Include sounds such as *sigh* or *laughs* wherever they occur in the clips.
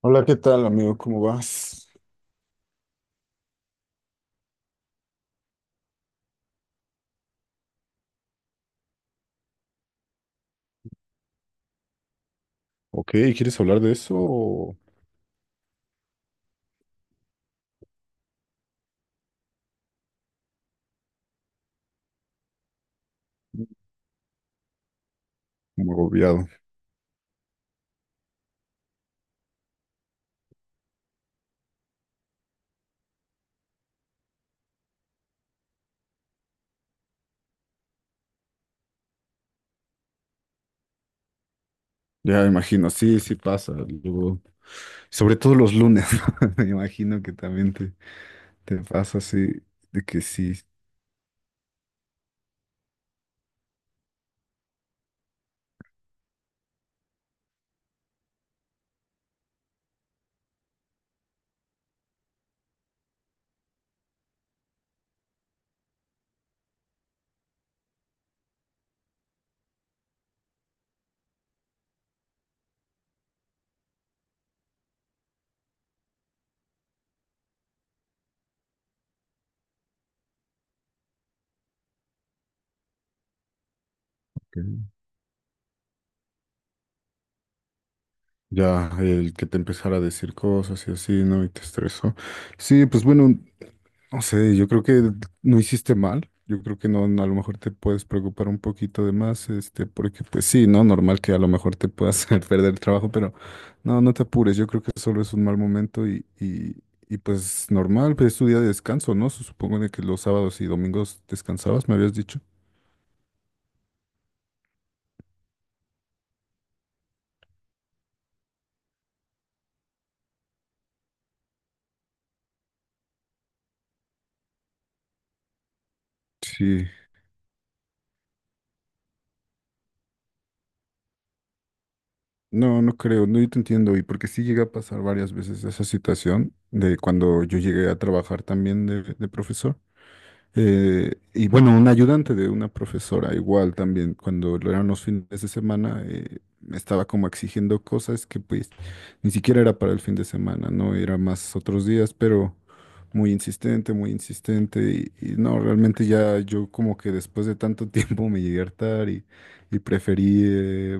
Hola, ¿qué tal, amigo? ¿Cómo vas? Ok, ¿quieres hablar de eso o como agobiado? Ya me imagino, sí, sí pasa. Luego, sobre todo los lunes, *laughs* me imagino que también te pasa así, de que sí. Ok. Ya, el que te empezara a decir cosas y así, ¿no? Y te estresó. Sí, pues bueno, no sé, yo creo que no hiciste mal. Yo creo que no, no, a lo mejor te puedes preocupar un poquito de más, este, porque pues sí, ¿no? Normal que a lo mejor te puedas *laughs* perder el trabajo, pero no, no te apures. Yo creo que solo es un mal momento y pues normal, pues es tu día de descanso, ¿no? Supongo de que los sábados y domingos descansabas, me habías dicho. Sí, no, no creo, no, yo te entiendo, y porque sí llega a pasar varias veces esa situación de cuando yo llegué a trabajar también de profesor. Y bueno, un ayudante de una profesora, igual también, cuando lo eran los fines de semana, me estaba como exigiendo cosas que pues ni siquiera era para el fin de semana, ¿no? Era más otros días, pero muy insistente, muy insistente. Y no, realmente ya yo como que después de tanto *laughs* tiempo me llegué a hartar y preferí,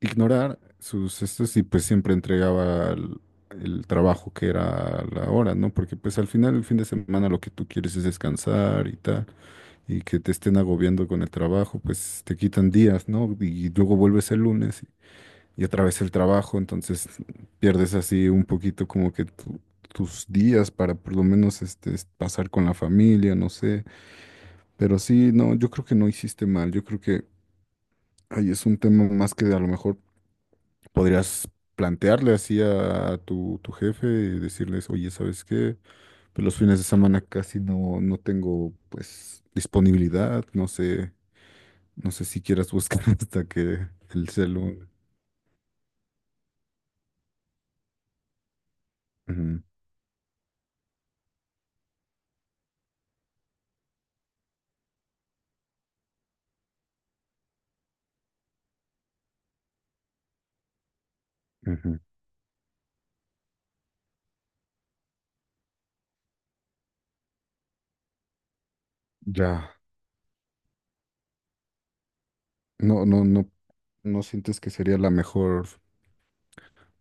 ignorar sus estos y pues siempre entregaba el trabajo que era la hora, ¿no? Porque pues al final el fin de semana lo que tú quieres es descansar y tal, y que te estén agobiando con el trabajo, pues te quitan días, ¿no? Y luego vuelves el lunes y otra vez el trabajo, entonces pierdes así un poquito como que tus días para por lo menos este pasar con la familia, no sé, pero sí, no, yo creo que no hiciste mal, yo creo que ahí es un tema más que a lo mejor podrías plantearle así a, tu jefe y decirles, oye, ¿sabes qué? Pues los fines de semana casi no tengo pues disponibilidad, no sé, si quieras buscar *laughs* hasta que el celu. Ujú, ujú. Ya, no, no, no, no sientes que sería la mejor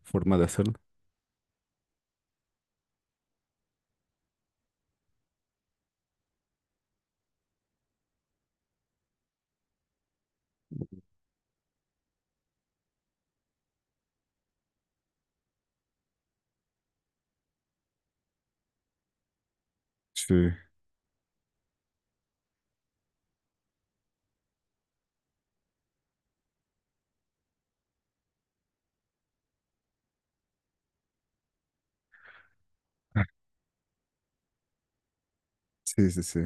forma de hacerlo. Sí, sí, sí, sí.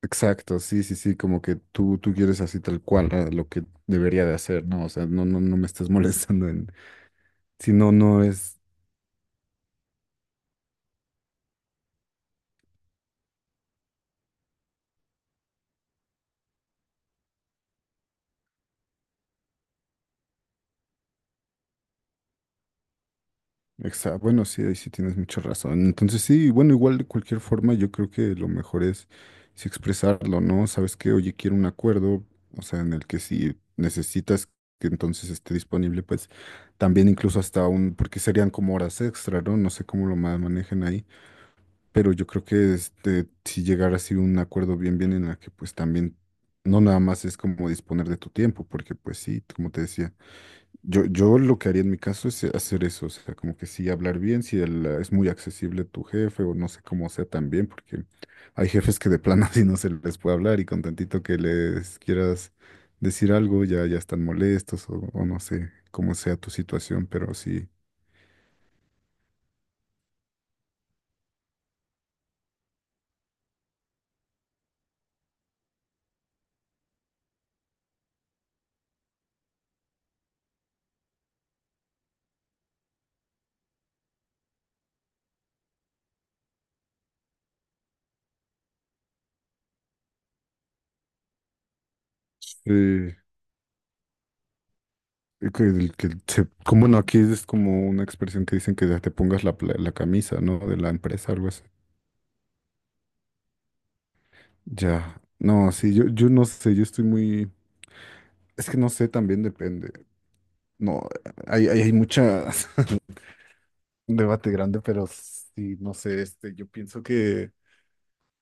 Exacto, sí, sí, sí, como que tú quieres así tal cual ah, lo que debería de hacer, ¿no? O sea, no, no, no me estás *laughs* molestando en, si no, no es. Exacto. Bueno, sí, ahí sí tienes mucha razón. Entonces sí, bueno, igual de cualquier forma, yo creo que lo mejor es sí expresarlo, ¿no? Sabes que, oye, quiero un acuerdo, o sea, en el que si necesitas que entonces esté disponible, pues también incluso hasta un, porque serían como horas extra, ¿no? No sé cómo lo manejen ahí, pero yo creo que este, si llegar así un acuerdo bien, bien en la que pues también no nada más es como disponer de tu tiempo, porque pues sí, como te decía. Yo lo que haría en mi caso es hacer eso, o sea, como que sí hablar bien, si es muy accesible tu jefe o no sé cómo sea también, porque hay jefes que de plano *laughs* así no se les puede hablar y con tantito que les quieras decir algo ya están molestos o no sé cómo sea tu situación, pero sí. eh, que, el- que se- Como no, aquí es como una expresión que dicen que ya te pongas la camisa, ¿no? De la empresa, algo así. Ya, no, sí, yo no sé, yo estoy muy... Es que no sé, también depende. No, hay mucha *laughs* un debate grande, pero sí, no sé, este, yo pienso que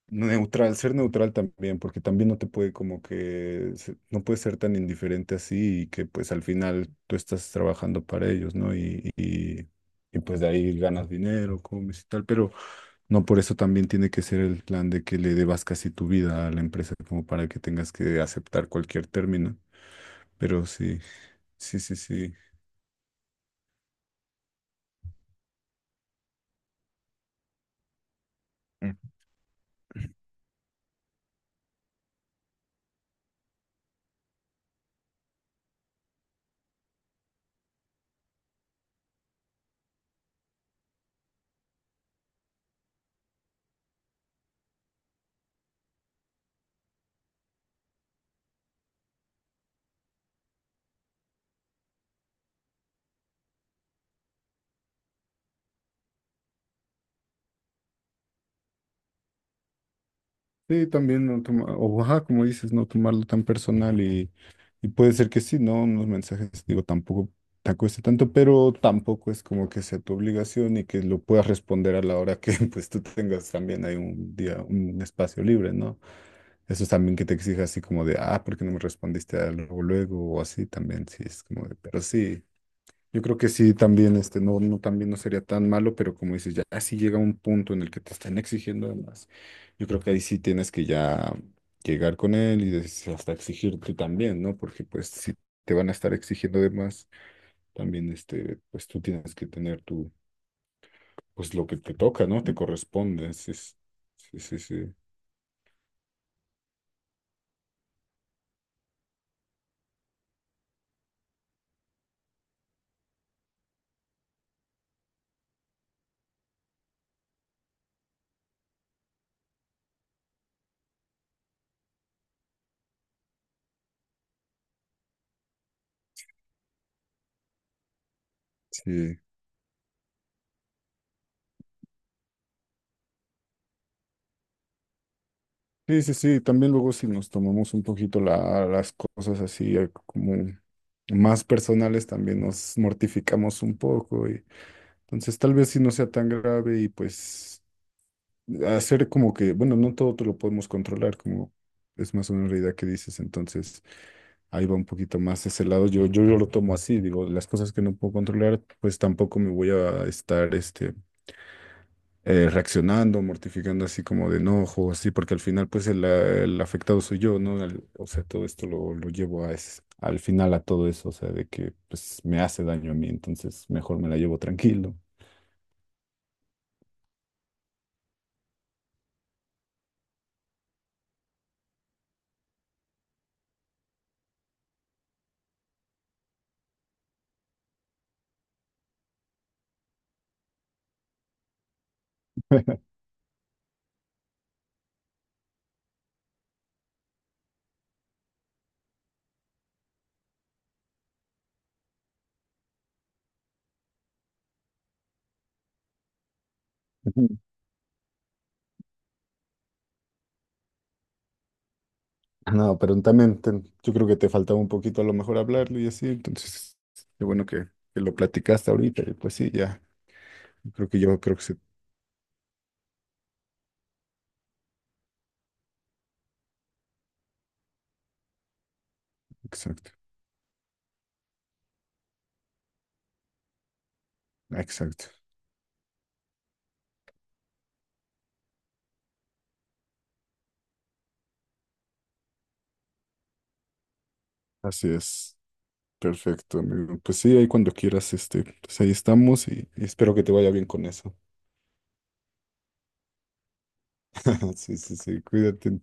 neutral, ser neutral también, porque también no te puede como que, no puedes ser tan indiferente así y que pues al final tú estás trabajando para ellos, ¿no? Y pues de ahí ganas dinero, comes y tal, pero no por eso también tiene que ser el plan de que le debas casi tu vida a la empresa como para que tengas que aceptar cualquier término, pero sí, sí, sí, sí. Sí, también no toma- o ajá, como dices, no tomarlo tan personal y puede ser que sí, ¿no? Unos mensajes, digo, tampoco te cueste tanto, pero tampoco es como que sea tu obligación y que lo puedas responder a la hora que *laughs* pues tú tengas también hay un día, un espacio libre, ¿no? Eso es también que te exija así como de, ah, ¿por qué no me respondiste a luego, luego? O así también, sí, es como de, pero sí. Yo creo que sí, también, este, no, no, también no sería tan malo, pero como dices, ya si llega un punto en el que te están exigiendo de más, yo creo que ahí sí tienes que ya llegar con él y hasta exigir tú también, ¿no? Porque pues si te van a estar exigiendo de más, también, este, pues tú tienes que tener tu, pues lo que te toca, ¿no? Te corresponde, sí, sí, sí, sí, sí, sí. Sí, sí, sí, también luego si nos tomamos un poquito las cosas así como más personales, también nos mortificamos un poco. Y entonces tal vez si no sea tan grave y pues hacer como que, bueno, no todo te lo podemos controlar, como es más una realidad que dices, entonces ahí va un poquito más ese lado. Yo lo tomo así, digo, las cosas que no puedo controlar, pues tampoco me voy a estar, reaccionando, mortificando así como de enojo, así, porque al final pues el afectado soy yo, ¿no? O sea, todo esto lo llevo a al final a todo eso, o sea, de que pues me hace daño a mí, entonces mejor me la llevo tranquilo. Ujú. No, pero también yo creo que te faltaba un poquito a lo mejor hablarlo y así, entonces qué bueno que, lo platicaste ahorita, y pues sí, ya, creo que yo creo que sí, exacto, exacto, así es. Perfecto, amigo. Pues sí, ahí cuando quieras, este, pues ahí estamos y espero que te vaya bien con eso. *laughs* Sí, sí, sí, cuídate.